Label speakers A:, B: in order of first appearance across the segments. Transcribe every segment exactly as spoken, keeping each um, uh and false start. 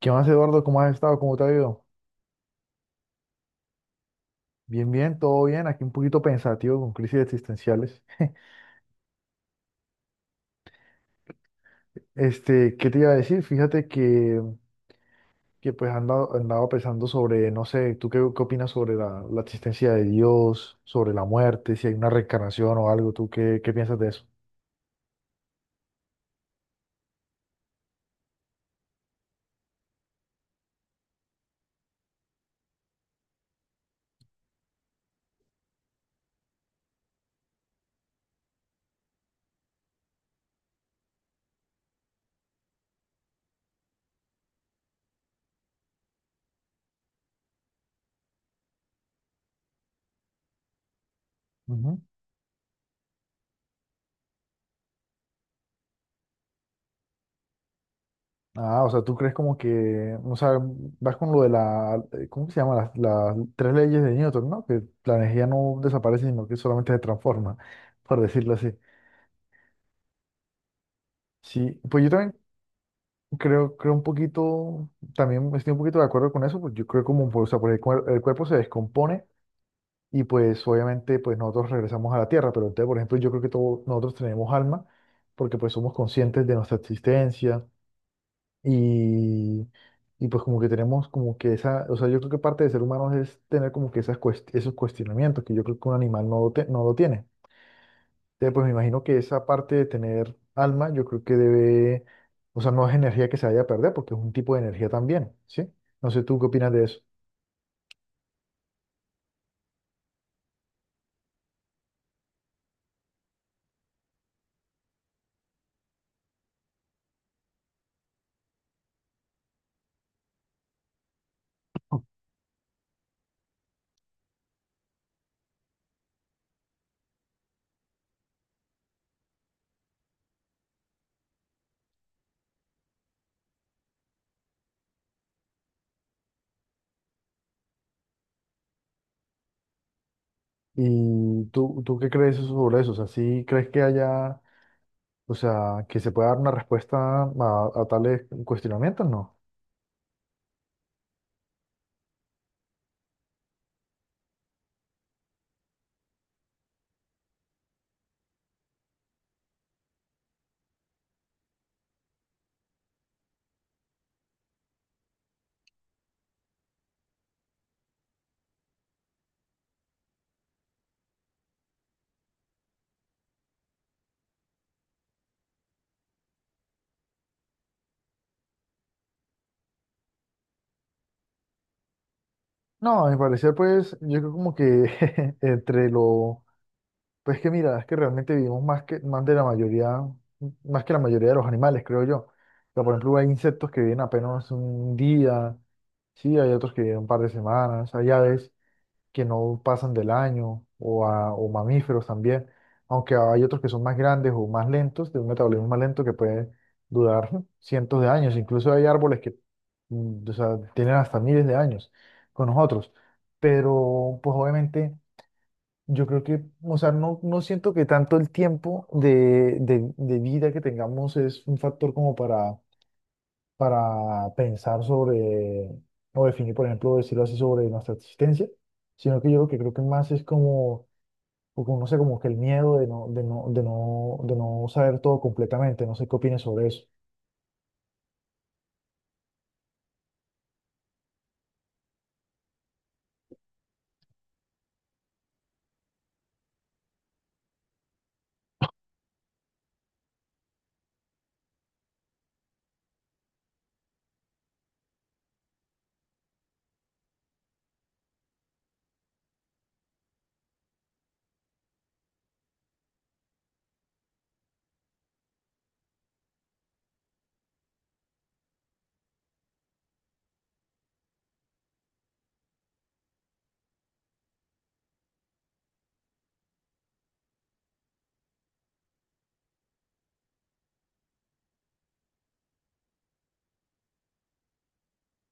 A: ¿Qué más, Eduardo? ¿Cómo has estado? ¿Cómo te ha ido? Bien, bien, todo bien. Aquí un poquito pensativo con crisis existenciales. Este, ¿qué te iba a decir? Fíjate que, que pues andado, andaba pensando sobre, no sé. ¿Tú qué, qué opinas sobre la, la existencia de Dios, sobre la muerte, si hay una reencarnación o algo? ¿Tú qué, qué piensas de eso? Ujú. Ah, o sea, ¿tú crees como que, o sea, vas con lo de la, eh, cómo se llama? Las, las tres leyes de Newton, ¿no? Que la energía no desaparece, sino que solamente se transforma, por decirlo así. Sí, pues yo también. Creo, creo un poquito, también estoy un poquito de acuerdo con eso, pues yo creo como, pues, o sea, porque el, cuer- el cuerpo se descompone y pues obviamente pues nosotros regresamos a la tierra, pero entonces, por ejemplo, yo creo que todos nosotros tenemos alma porque pues somos conscientes de nuestra existencia y, y pues como que tenemos como que esa, o sea, yo creo que parte de ser humano es tener como que esas cuest- esos cuestionamientos que yo creo que un animal no, lo te- no lo tiene. Entonces, pues me imagino que esa parte de tener alma, yo creo que debe, o sea, no es energía que se vaya a perder, porque es un tipo de energía también, ¿sí? No sé, ¿tú qué opinas de eso? ¿Y tú, tú qué crees sobre eso? O sea, ¿sí crees que haya, o sea, que se pueda dar una respuesta a, a tales cuestionamientos? No. No, a mi parecer, pues, yo creo como que entre lo Pues que mira, es que realmente vivimos más que más de la mayoría, más que la mayoría de los animales, creo yo. O sea, por ejemplo, hay insectos que viven apenas un día, sí, hay otros que viven un par de semanas, hay aves que no pasan del año, o, a- o mamíferos también, aunque hay otros que son más grandes o más lentos, de un metabolismo más lento que puede durar cientos de años. Incluso hay árboles que, mm, o sea, tienen hasta miles de años con nosotros. Pero, pues obviamente. Yo creo que, o sea, no, no siento que tanto el tiempo de, de- de vida que tengamos es un factor como para, para pensar sobre, o definir, por ejemplo, decirlo así, sobre nuestra existencia, sino que yo lo que creo que más es como, como no sé, como que el miedo de no, de no, de no, de no saber todo completamente, no sé qué opinas sobre eso.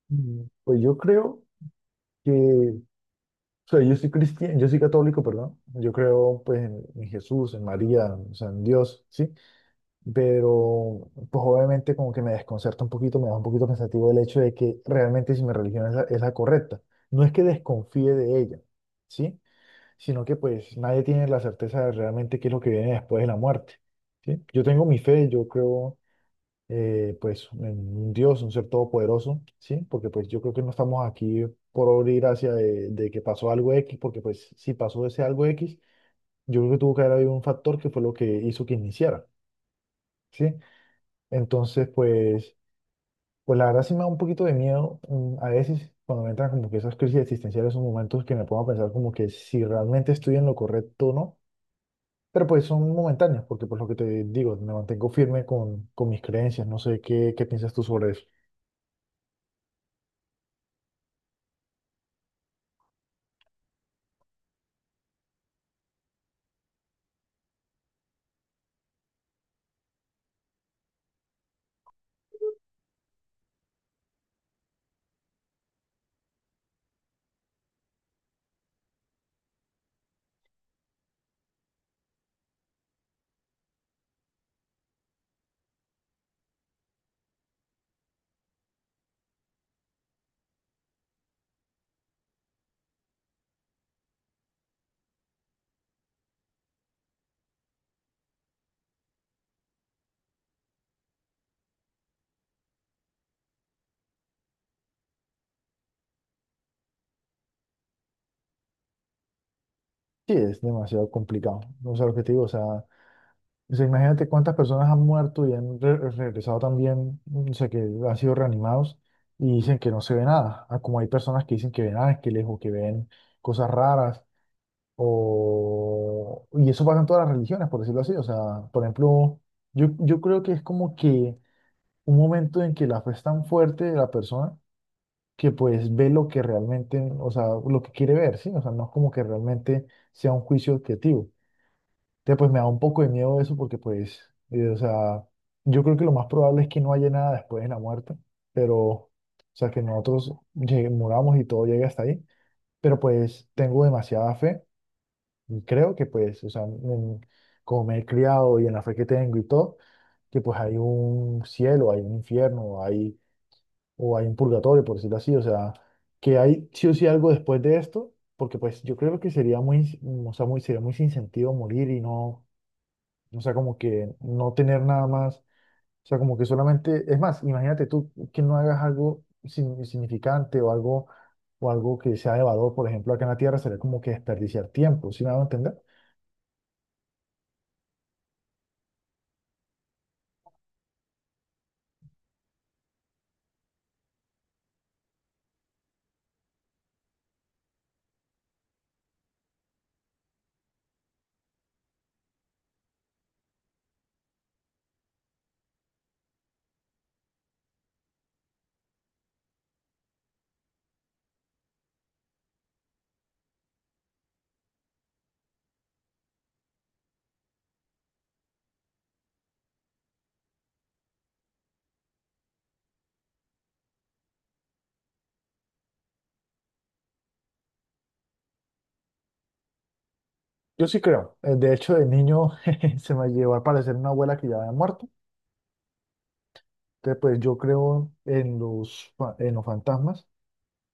A: Mm, Pues yo creo que, o sea, yo soy cristiano, yo soy católico, perdón, yo creo pues en, en Jesús, en María, o sea, en Dios, ¿sí? Pero pues obviamente como que me desconcerta un poquito, me da un poquito pensativo el hecho de que realmente si mi religión es la, es la correcta. No es que desconfíe de ella, ¿sí? Sino que pues nadie tiene la certeza de realmente qué es lo que viene después de la muerte, ¿sí? Yo tengo mi fe, yo creo, eh, pues en un Dios, un ser todopoderoso, ¿sí? Porque pues yo creo que no estamos aquí por abrir hacia de, de que pasó algo X, porque pues si pasó ese algo X, yo creo que tuvo que haber habido un factor que fue lo que hizo que iniciara, ¿sí? Entonces, pues, pues la verdad sí me da un poquito de miedo, mm, a veces cuando me entran como que esas crisis existenciales, son momentos que me pongo a pensar como que si realmente estoy en lo correcto o no, pero pues son momentáneos, porque por lo que te digo, me mantengo firme con, con mis creencias, no sé qué, qué piensas tú sobre eso. Sí, es demasiado complicado, no sé lo que te digo, o sea, o sea, imagínate cuántas personas han muerto y han re- regresado también, mm, o sea, que han sido reanimados y dicen que no se ve nada. Ah, como hay personas que dicen que ven ángeles o que ven cosas raras. O, y eso pasa en todas las religiones, por decirlo así. O sea, por ejemplo, yo, yo creo que es como que un momento en que la fe es tan fuerte de la persona que pues ve lo que realmente, o sea, lo que quiere ver, ¿sí? O sea, no es como que realmente sea un juicio objetivo. Entonces, pues me da un poco de miedo eso porque pues, eh, o sea, yo creo que lo más probable es que no haya nada después de la muerte, pero, o sea, que nosotros llegue- muramos y todo llegue hasta ahí, pero pues tengo demasiada fe y creo que pues, o sea, en- como me he criado y en la fe que tengo y todo, que pues hay un cielo, hay un infierno, o hay, o hay un purgatorio, por decirlo así, o sea, que hay sí o sí algo después de esto, porque pues yo creo que sería muy, in- o sea, muy, sería muy sin sentido morir y no, o sea, como que no tener nada más, o sea, como que solamente, es más, imagínate tú que no hagas algo sin- significante o algo, o algo que sea de valor, por ejemplo, acá en la Tierra, sería como que desperdiciar tiempo, ¿sí me a entender? Yo sí creo. Eh, De hecho, de niño se me llevó al parecer una abuela que ya había muerto. Entonces, pues yo creo en los, fa- en los fantasmas,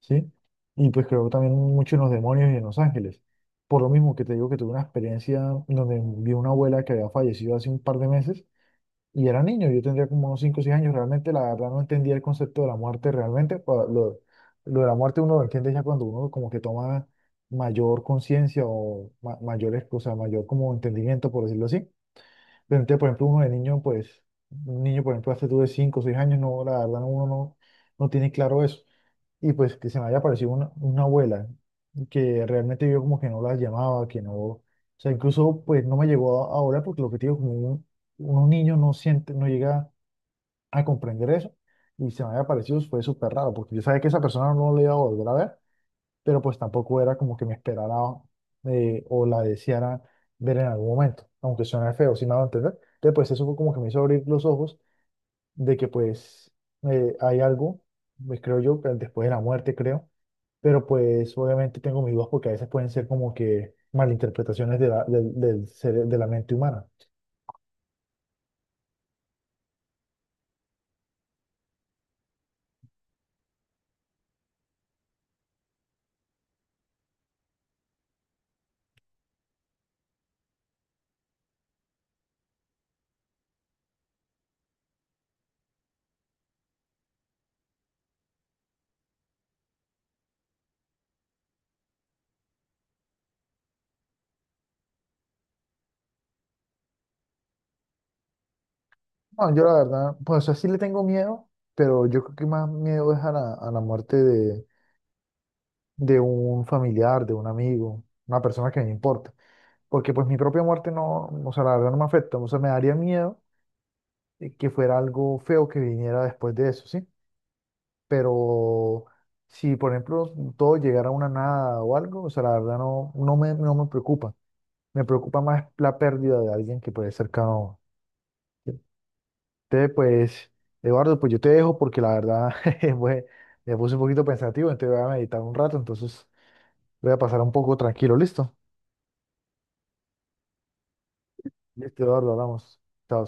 A: ¿sí? Y pues creo también mucho en los demonios y en los ángeles. Por lo mismo que te digo que tuve una experiencia donde vi una abuela que había fallecido hace un par de meses y era niño, yo tendría como unos cinco o seis años. Realmente, la verdad, no entendía el concepto de la muerte realmente. pa- Lo, lo de la muerte uno lo entiende ya cuando uno como que toma mayor conciencia o ma- mayores, o sea, mayor como entendimiento, por decirlo así. Pero entonces, por ejemplo, uno de niño, pues, un niño, por ejemplo, hace tú de cinco o seis años, no, la verdad, no, uno no, no tiene claro eso. Y pues que se me haya aparecido una, una abuela que realmente yo como que no la llamaba, que no, o sea, incluso pues no me llegó a, a orar porque lo que te digo, como un- unos niños no siente, no llega a comprender eso. Y se me había aparecido fue súper raro porque yo sabía que esa persona no le iba a volver a ver, pero pues tampoco era como que me esperara, eh, o la deseara ver en algún momento, aunque suene feo, si me hago entender. Entonces, pues eso fue como que me hizo abrir los ojos de que pues, eh, hay algo, pues creo yo, que después de la muerte, creo, pero pues obviamente tengo mis dudas porque a veces pueden ser como que malinterpretaciones de la, del, del cere- de la mente humana. No, yo la verdad, pues así le tengo miedo, pero yo creo que más miedo es a la, a la muerte de, de un familiar, de un amigo, una persona que me importa. Porque pues mi propia muerte no, o sea, la verdad no me afecta, o sea, me daría miedo, eh, que fuera algo feo que viniera después de eso, ¿sí? Pero si, por ejemplo, todo llegara a una nada o algo, o sea, la verdad no, no me, no me preocupa, me preocupa más la pérdida de alguien que puede ser cercano. Entonces, pues, Eduardo, pues yo te dejo porque la verdad jeje, pues, me puse un poquito pensativo, entonces voy a meditar un rato, entonces voy a pasar un poco tranquilo, ¿listo? Listo, Eduardo, hablamos. Chao.